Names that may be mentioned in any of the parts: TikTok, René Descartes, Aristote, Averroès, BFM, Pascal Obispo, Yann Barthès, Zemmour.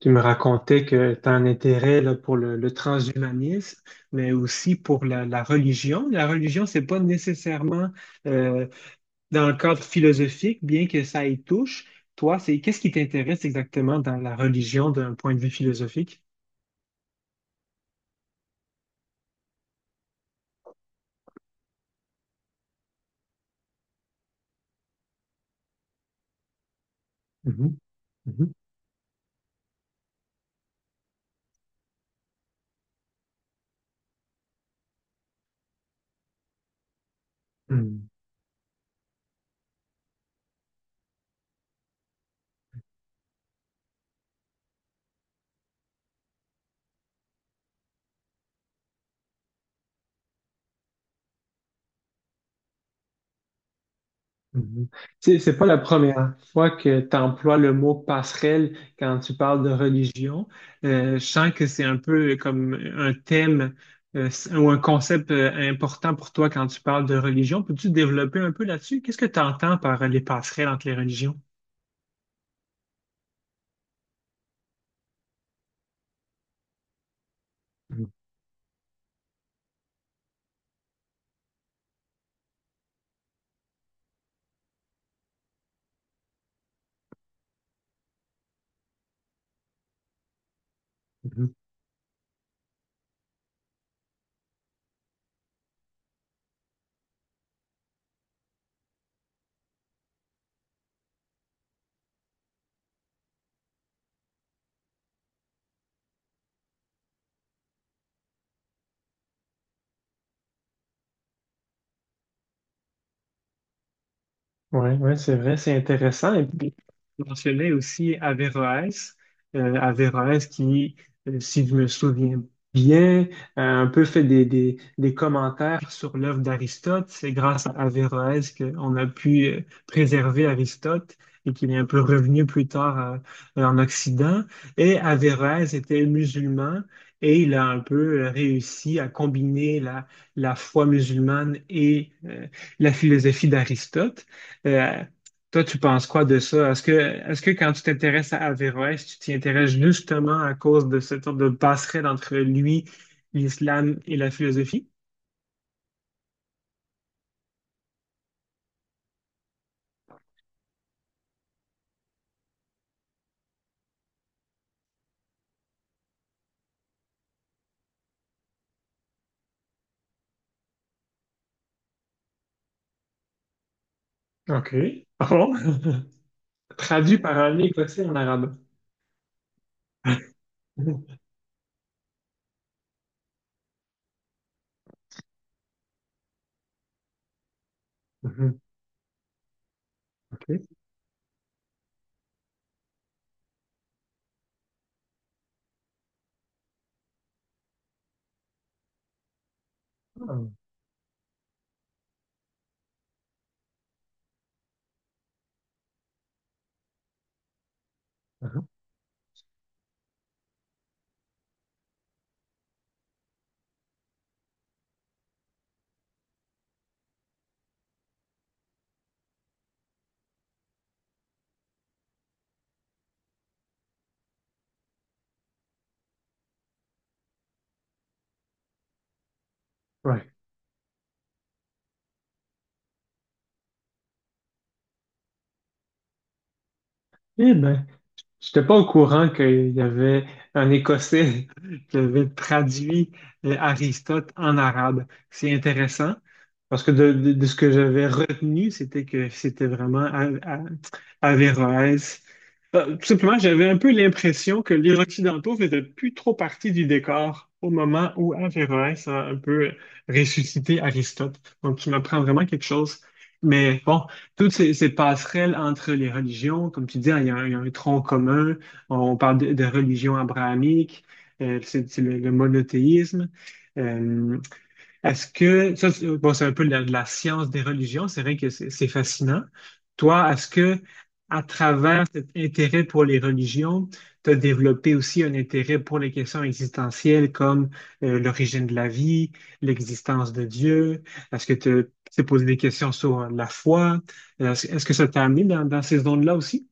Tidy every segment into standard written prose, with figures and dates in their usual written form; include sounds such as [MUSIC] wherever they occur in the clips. Tu me racontais que tu as un intérêt là, pour le transhumanisme, mais aussi pour la religion. La religion, c'est pas nécessairement euh, dans le cadre philosophique, bien que ça y touche. Toi, c'est qu'est-ce qui t'intéresse exactement dans la religion d'un point de vue philosophique? Mhm, mhm, mhm. Tu sais, c'est pas la première fois que tu emploies le mot passerelle quand tu parles de religion. Je sens que c'est un peu comme un thème ou un concept important pour toi quand tu parles de religion. Peux-tu développer un peu là-dessus? Qu'est-ce que tu entends par les passerelles entre les religions? Oui, ouais, ouais, c'est vrai, c'est intéressant. Et puis, tu mentionnais aussi Averroès, Averroès qui, si je me souviens bien, a un peu fait des commentaires sur l'œuvre d'Aristote. C'est grâce à Averroès qu'on a pu préserver Aristote et qu'il est un peu revenu plus tard en Occident. Et Averroès était musulman et il a un peu réussi à combiner la foi musulmane et la philosophie d'Aristote. Euh, Toi, tu penses quoi de ça? Est-ce que quand tu t'intéresses à Averroès, tu t'y intéresses justement à cause de cette sorte de passerelle entre lui, l'islam et la philosophie? OK. Oh. [LAUGHS] Traduit par un écossais en arabe. [LAUGHS] Mhm. OK. Ah. Ah. Ouais. Eh ben. J'étais pas au courant qu'il y avait un Écossais [LAUGHS] qui avait traduit Aristote en arabe. C'est intéressant parce que de ce que j'avais retenu, c'était que c'était vraiment Averroès. Tout simplement, j'avais un peu l'impression que les Occidentaux faisaient plus trop partie du décor au moment où Averroès a un peu ressuscité Aristote. Donc, tu m'apprends vraiment quelque chose. Mais bon, toutes ces passerelles entre les religions, comme tu dis, il y a il y a un tronc commun. On parle de religion abrahamique, c'est le monothéisme. Euh, est-ce que, ça, c'est- bon, c'est un peu la science des religions, c'est vrai que c'est fascinant. Toi, est-ce que, à travers cet intérêt pour les religions, tu as développé aussi un intérêt pour les questions existentielles comme l'origine de la vie, l'existence de Dieu? Est-ce que tu t'es posé des questions sur la foi? Est-ce que ça t'a amené dans, dans ces zones-là aussi?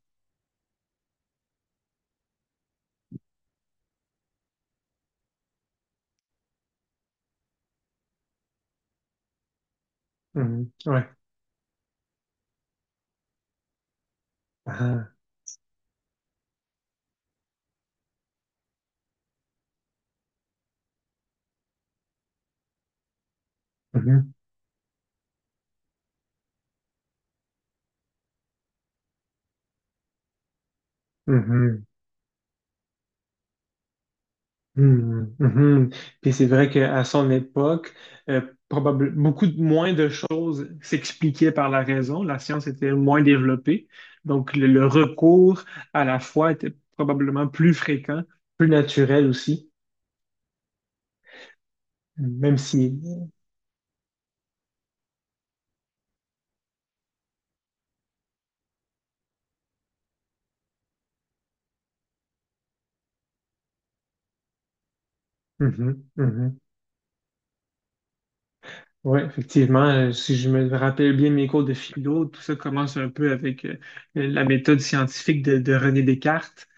Mhm. Ouais. Ah. Mhm. Mhm. Mhm, mhm. Puis c'est vrai qu'à son époque, euh, beaucoup moins de choses s'expliquaient par la raison. La science était moins développée. Donc, le recours à la foi était probablement plus fréquent, plus naturel aussi, même si... Mhm, mhm. Ouais, effectivement, si je me rappelle bien mes cours de philo, tout ça commence un peu avec la méthode scientifique de René Descartes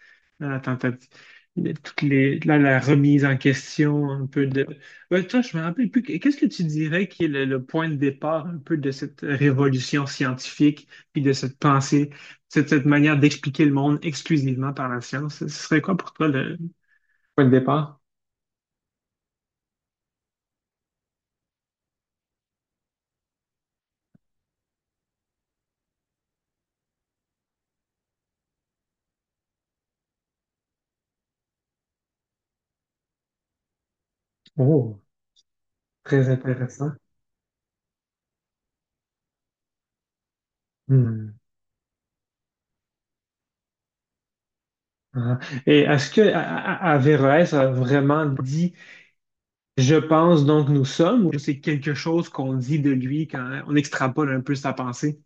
dans la tentative, de toutes les, là, la remise en question un peu de... Ouais, toi, je me rappelle plus, qu'est-ce que tu dirais qui est le point de départ un peu de cette révolution scientifique, puis de cette pensée, cette manière d'expliquer le monde exclusivement par la science? Ce serait quoi pour toi le point de départ? Oh, très intéressant. Hmm. Ah. Et est-ce que Averroès a vraiment dit je pense donc nous sommes ou c'est quelque chose qu'on dit de lui quand on extrapole un peu sa pensée?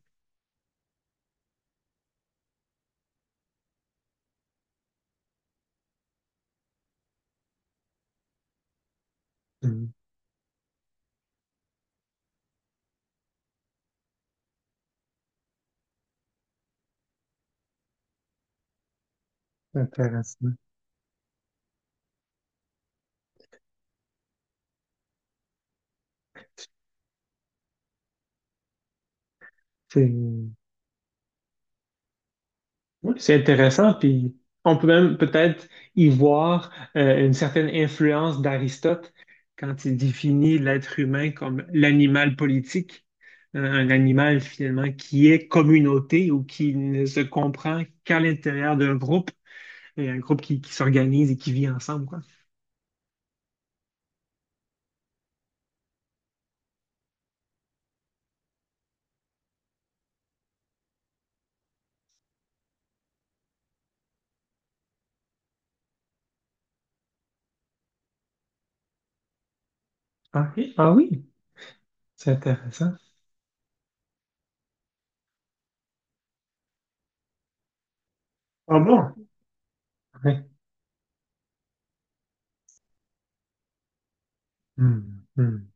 Intéressant. C'est oui, c'est intéressant, puis on peut même peut-être y voir une certaine influence d'Aristote quand il définit l'être humain comme l'animal politique, un animal finalement qui est communauté ou qui ne se comprend qu'à l'intérieur d'un groupe, et un groupe qui s'organise et qui vit ensemble, quoi. Ah, oui, ah oui, c'est intéressant. Ah bon? Oui. Hmm, hmm.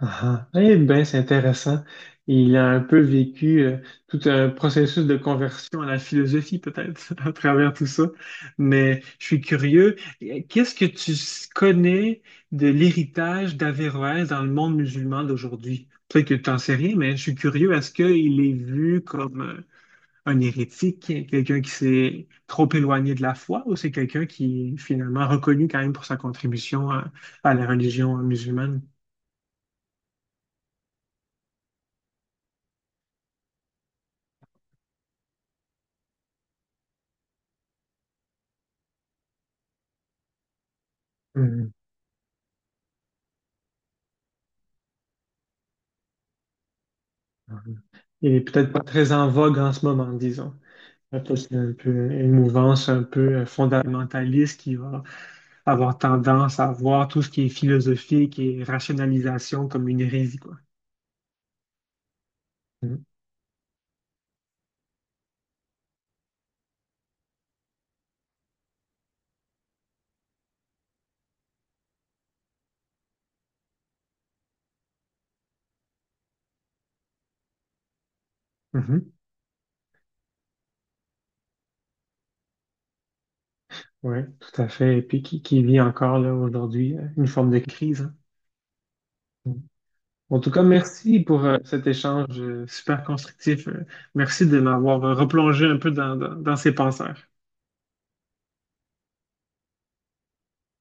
Ah, ah. Eh bien, c'est intéressant. Il a un peu vécu tout un processus de conversion à la philosophie, peut-être, [LAUGHS] à travers tout ça. Mais je suis curieux. Qu'est-ce que tu connais de l'héritage d'Averroès dans le monde musulman d'aujourd'hui? Peut-être que tu n'en sais rien, mais je suis curieux, est-ce qu'il est vu comme un hérétique, quelqu'un qui s'est trop éloigné de la foi, ou c'est quelqu'un qui est finalement reconnu quand même pour sa contribution à la religion musulmane? Il est peut-être pas très en vogue en ce moment, disons. Après, c'est un peu une mouvance un peu fondamentaliste qui va avoir tendance à voir tout ce qui est philosophique et rationalisation comme une hérésie, quoi. Mhm. Mhm. Oui, tout à fait. Et puis qui vit encore là aujourd'hui une forme de crise, hein. Mhm. En tout cas, merci pour cet échange super constructif. Merci de m'avoir replongé un peu dans, dans, dans ces penseurs.